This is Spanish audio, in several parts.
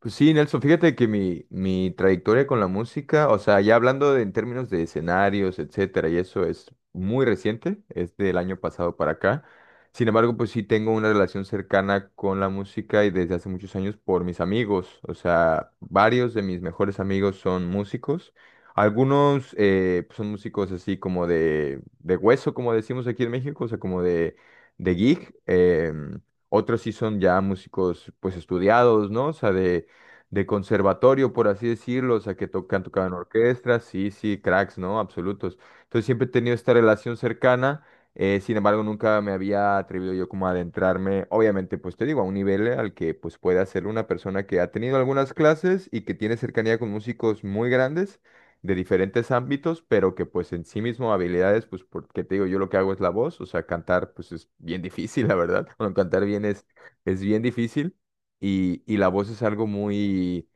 Pues sí, Nelson, fíjate que mi trayectoria con la música, o sea, ya hablando en términos de escenarios, etcétera, y eso es muy reciente, es del año pasado para acá. Sin embargo, pues sí tengo una relación cercana con la música y desde hace muchos años por mis amigos. O sea, varios de mis mejores amigos son músicos. Algunos pues, son músicos así como de hueso, como decimos aquí en México, o sea, como de gig. Otros sí son ya músicos pues estudiados, ¿no? O sea, de conservatorio, por así decirlo, o sea, que han tocado en orquestas, sí, sí, cracks, ¿no? Absolutos. Entonces siempre he tenido esta relación cercana, sin embargo, nunca me había atrevido yo como a adentrarme, obviamente, pues te digo, a un nivel al que pues puede hacer una persona que ha tenido algunas clases y que tiene cercanía con músicos muy grandes de diferentes ámbitos, pero que pues en sí mismo habilidades, pues porque te digo, yo lo que hago es la voz, o sea, cantar pues es bien difícil, la verdad, bueno, cantar bien es bien difícil, y la voz es algo muy,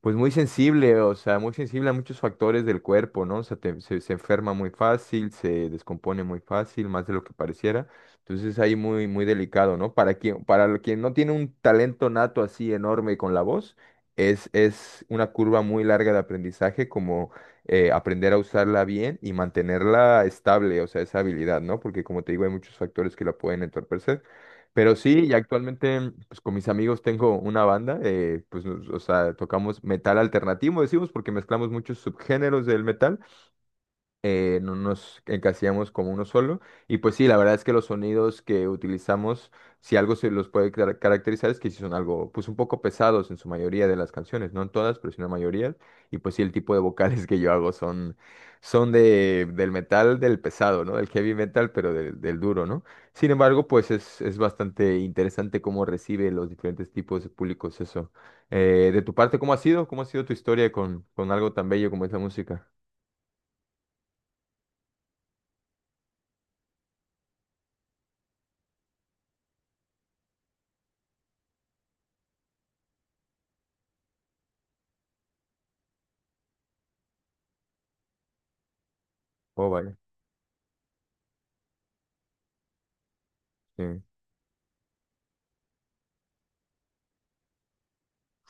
pues muy sensible, o sea, muy sensible a muchos factores del cuerpo, ¿no? O sea, se enferma muy fácil, se descompone muy fácil, más de lo que pareciera. Entonces ahí muy, muy delicado, ¿no? Para quien, quien no tiene un talento nato así enorme con la voz, es una curva muy larga de aprendizaje, como aprender a usarla bien y mantenerla estable, o sea, esa habilidad, ¿no? Porque como te digo, hay muchos factores que la pueden entorpecer. Pero sí, y actualmente pues con mis amigos tengo una banda, pues o sea, tocamos metal alternativo, decimos, porque mezclamos muchos subgéneros del metal no nos encasillamos como uno solo. Y pues sí, la verdad es que los sonidos que utilizamos, si algo se los puede caracterizar, es que sí son algo, pues un poco pesados en su mayoría de las canciones, no en todas, pero sí en la mayoría. Y pues sí, el tipo de vocales que yo hago son, son de, del metal, del pesado, ¿no? Del heavy metal, pero del duro, ¿no? Sin embargo, pues es bastante interesante cómo recibe los diferentes tipos de públicos eso. De tu parte, ¿cómo ha sido? ¿Cómo ha sido tu historia con algo tan bello como es la música? Oh, vaya. Sí.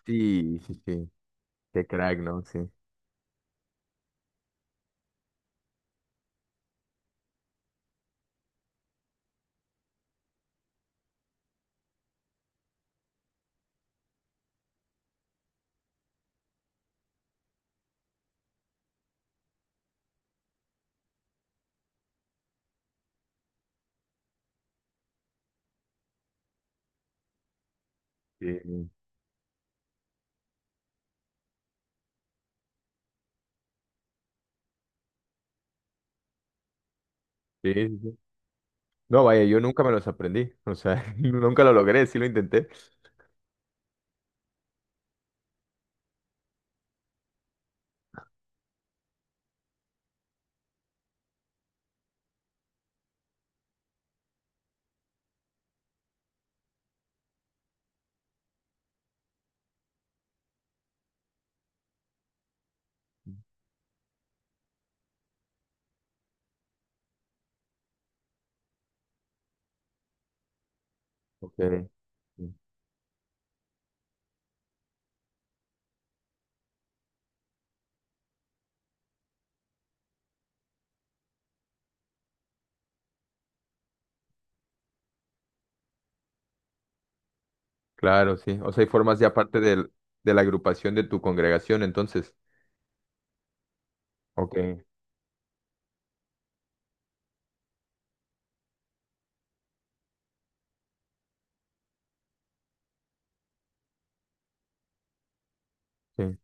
Sí, sí, sí. Qué crack, ¿no? Sí. Sí, sí, sí, sí. No, vaya, yo nunca me los aprendí. O sea, nunca lo logré, sí lo intenté. Ok, sí. Claro, sí. O sea, hay formas ya parte del, de la agrupación de tu congregación, entonces. Ok, sí.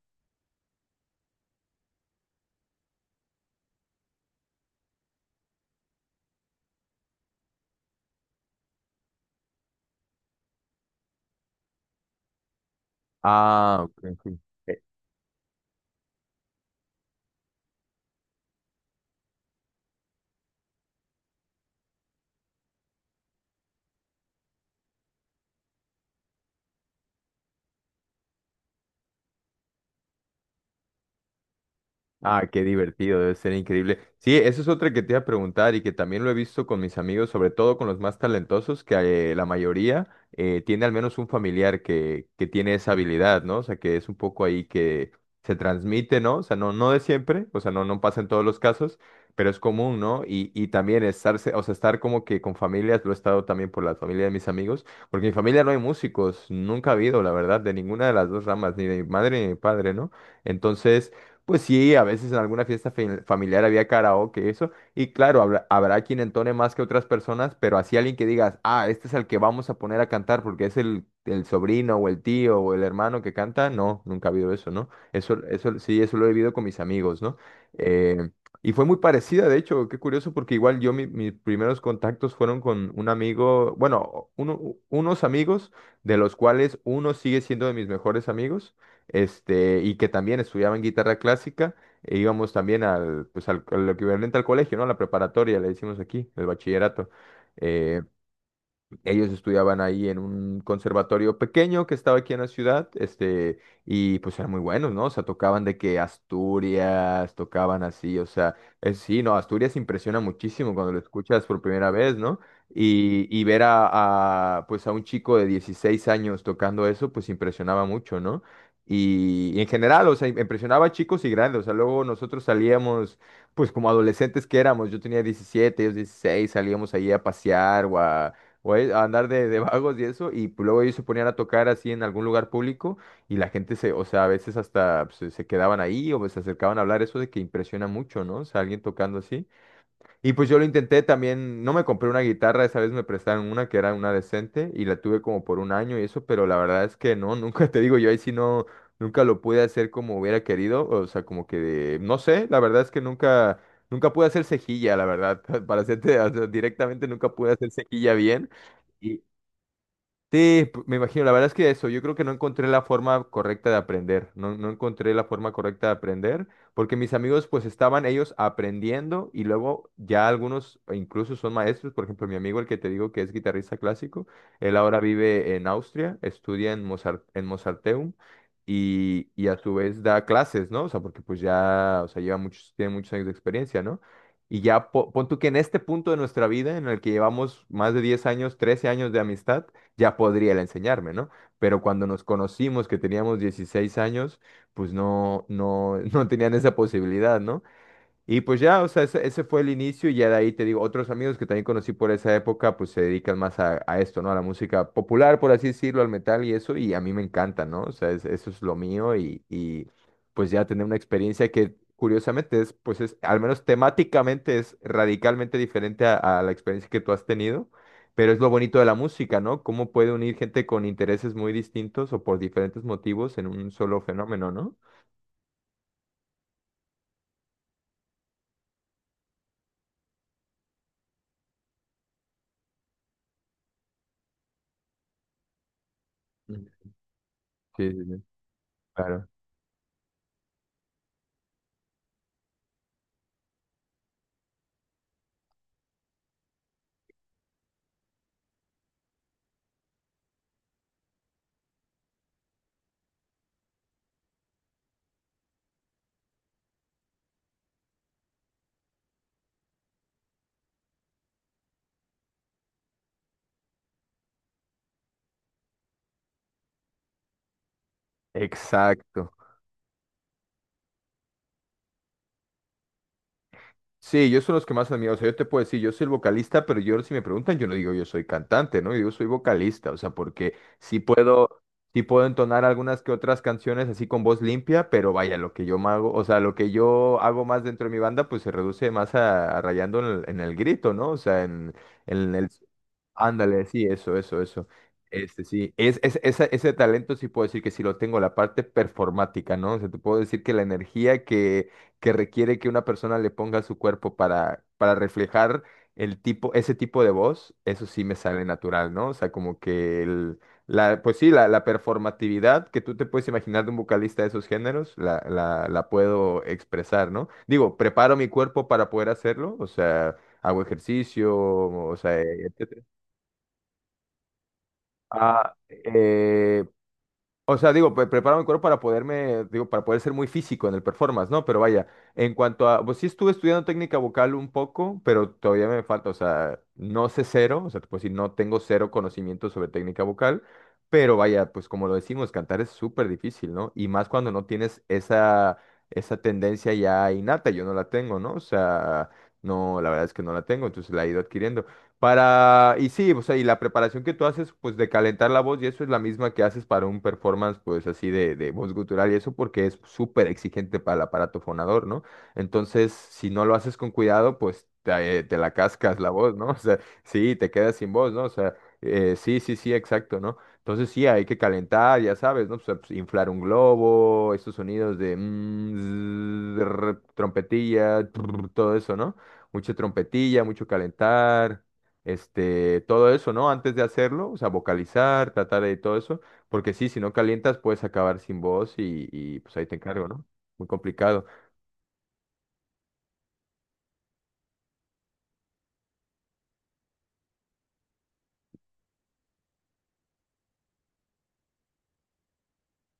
Ah, ok, sí. Ah, qué divertido, debe ser increíble. Sí, eso es otra que te iba a preguntar y que también lo he visto con mis amigos, sobre todo con los más talentosos, que la mayoría tiene al menos un familiar que tiene esa habilidad, ¿no? O sea, que es un poco ahí que se transmite, ¿no? O sea, no, no de siempre, o sea, no, no pasa en todos los casos, pero es común, ¿no? Y también estarse, o sea, estar como que con familias, lo he estado también por la familia de mis amigos, porque en mi familia no hay músicos, nunca ha habido, la verdad, de ninguna de las dos ramas, ni de mi madre ni de mi padre, ¿no? Entonces... Pues sí, a veces en alguna fiesta familiar había karaoke, eso. Y claro, habrá, habrá quien entone más que otras personas, pero así alguien que digas, ah, este es el que vamos a poner a cantar porque es el sobrino o el tío o el hermano que canta, no, nunca ha habido eso, ¿no? Eso sí, eso lo he vivido con mis amigos, ¿no? Eh, y fue muy parecida, de hecho, qué curioso, porque igual yo mis primeros contactos fueron con un amigo, bueno, unos amigos de los cuales uno sigue siendo de mis mejores amigos este, y que también estudiaban guitarra clásica, e íbamos también al, pues al, al equivalente al colegio, ¿no? A la preparatoria, le decimos aquí, el bachillerato. Eh, Ellos estudiaban ahí en un conservatorio pequeño que estaba aquí en la ciudad, este, y pues eran muy buenos, ¿no? O sea, tocaban de que Asturias, tocaban así, o sea, sí, no, Asturias impresiona muchísimo cuando lo escuchas por primera vez, ¿no? Y ver a, pues a un chico de 16 años tocando eso, pues impresionaba mucho, ¿no? Y en general, o sea, impresionaba a chicos y grandes, o sea, luego nosotros salíamos pues como adolescentes que éramos, yo tenía 17, ellos 16, salíamos ahí a pasear o a, güey, a andar de vagos y eso, y pues, luego ellos se ponían a tocar así en algún lugar público y la gente se, o sea, a veces hasta pues, se quedaban ahí o pues, se acercaban a hablar, eso de que impresiona mucho, ¿no? O sea, alguien tocando así. Y pues yo lo intenté también, no me compré una guitarra, esa vez me prestaron una que era una decente y la tuve como por un año y eso, pero la verdad es que no, nunca te digo, yo ahí sí no, nunca lo pude hacer como hubiera querido, o sea, como que, de- no sé, la verdad es que nunca, nunca pude hacer cejilla, la verdad, para hacerte, o sea, directamente nunca pude hacer cejilla bien. Sí, me imagino, la verdad es que eso, yo creo que no encontré la forma correcta de aprender, no, no encontré la forma correcta de aprender, porque mis amigos pues estaban ellos aprendiendo y luego ya algunos e incluso son maestros, por ejemplo, mi amigo el que te digo que es guitarrista clásico, él ahora vive en Austria, estudia en Mozart, en Mozarteum y a su vez da clases, ¿no? O sea, porque pues ya, o sea, lleva muchos, tiene muchos años de experiencia, ¿no? Y ya pon tú que en este punto de nuestra vida, en el que llevamos más de 10 años, 13 años de amistad, ya podría él enseñarme, ¿no? Pero cuando nos conocimos, que teníamos 16 años, pues no, no, no tenían esa posibilidad, ¿no? Y pues ya, o sea, ese fue el inicio y ya de ahí te digo, otros amigos que también conocí por esa época, pues se dedican más a esto, ¿no? A la música popular, por así decirlo, al metal y eso, y a mí me encanta, ¿no? O sea, eso es lo mío y pues ya tener una experiencia que curiosamente es, pues es, al menos temáticamente es radicalmente diferente a la experiencia que tú has tenido, pero es lo bonito de la música, ¿no? Cómo puede unir gente con intereses muy distintos o por diferentes motivos en un solo fenómeno, ¿no? Mm. Sí, sí, sí, claro. Exacto. Sí, yo soy los que más admiro. O sea, yo te puedo decir, yo soy el vocalista, pero yo si me preguntan, yo no digo yo soy cantante, ¿no? Yo digo soy vocalista, o sea, porque sí puedo entonar algunas que otras canciones así con voz limpia, pero vaya, lo que yo hago, o sea, lo que yo hago más dentro de mi banda, pues se reduce más a rayando en el grito, ¿no? O sea, en el, Ándale, sí, eso, eso, eso. Este, sí, es, ese talento sí puedo decir que sí lo tengo, la parte performática, ¿no? O sea, te puedo decir que la energía que requiere que una persona le ponga a su cuerpo para reflejar el tipo, ese tipo de voz, eso sí me sale natural, ¿no? O sea, como que el, la, pues sí, la performatividad que tú te puedes imaginar de un vocalista de esos géneros, la puedo expresar, ¿no? Digo, preparo mi cuerpo para poder hacerlo, o sea, hago ejercicio, o sea, etc. Ah, o sea, digo, preparo mi cuerpo para poderme, digo, para poder ser muy físico en el performance, ¿no? Pero vaya, en cuanto a, pues sí estuve estudiando técnica vocal un poco, pero todavía me falta, o sea, no sé cero, o sea, pues sí, no tengo cero conocimiento sobre técnica vocal, pero vaya, pues como lo decimos, cantar es súper difícil, ¿no? Y más cuando no tienes esa, esa tendencia ya innata, yo no la tengo, ¿no? O sea, no, la verdad es que no la tengo, entonces la he ido adquiriendo. Para, y sí, o sea, y la preparación que tú haces, pues de calentar la voz, y eso es la misma que haces para un performance, pues así de voz gutural, y eso porque es súper exigente para el aparato fonador, ¿no? Entonces, si no lo haces con cuidado, pues te, te la cascas la voz, ¿no? O sea, sí, te quedas sin voz, ¿no? O sea, sí, sí, sí, exacto, ¿no? Entonces, sí, hay que calentar, ya sabes, ¿no? O sea, pues, inflar un globo, estos sonidos de mm, zzzz, trr, trompetilla, trr, todo eso, ¿no? Mucha trompetilla, mucho calentar este, todo eso, ¿no? Antes de hacerlo, o sea, vocalizar, tratar de todo eso, porque sí, si no calientas puedes acabar sin voz y, pues ahí te encargo, ¿no? Muy complicado.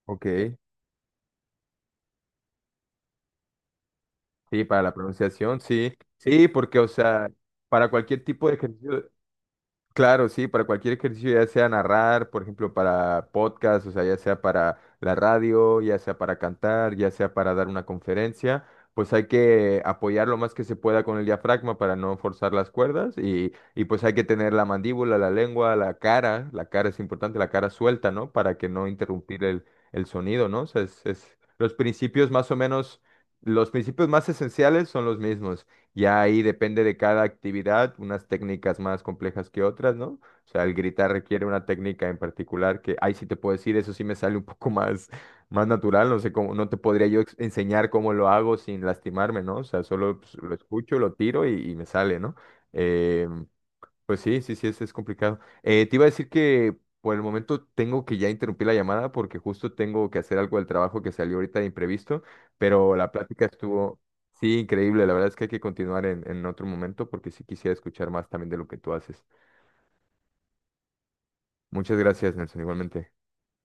Ok, sí, para la pronunciación, sí, sí, porque, o sea, para cualquier tipo de ejercicio, Claro, sí, para cualquier ejercicio, ya sea narrar, por ejemplo, para podcast, o sea, ya sea para la radio, ya sea para cantar, ya sea para dar una conferencia, pues hay que apoyar lo más que se pueda con el diafragma para no forzar las cuerdas y pues hay que tener la mandíbula, la lengua, la cara es importante, la cara suelta, ¿no? Para que no interrumpir el sonido, ¿no? O sea, es, los principios más o menos, los principios más esenciales son los mismos. Ya ahí depende de cada actividad, unas técnicas más complejas que otras, ¿no? O sea, el gritar requiere una técnica en particular que, ay, sí te puedo decir, eso sí me sale un poco más, más natural, no sé cómo, no te podría yo enseñar cómo lo hago sin lastimarme, ¿no? O sea, solo pues, lo escucho, lo tiro y me sale, ¿no? Em, pues sí, sí, sí, es complicado. Te iba a decir que por el momento tengo que ya interrumpir la llamada porque justo tengo que hacer algo del trabajo que salió ahorita de imprevisto, pero la plática estuvo, sí, increíble. La verdad es que hay que continuar en otro momento porque sí quisiera escuchar más también de lo que tú haces. Muchas gracias, Nelson, igualmente.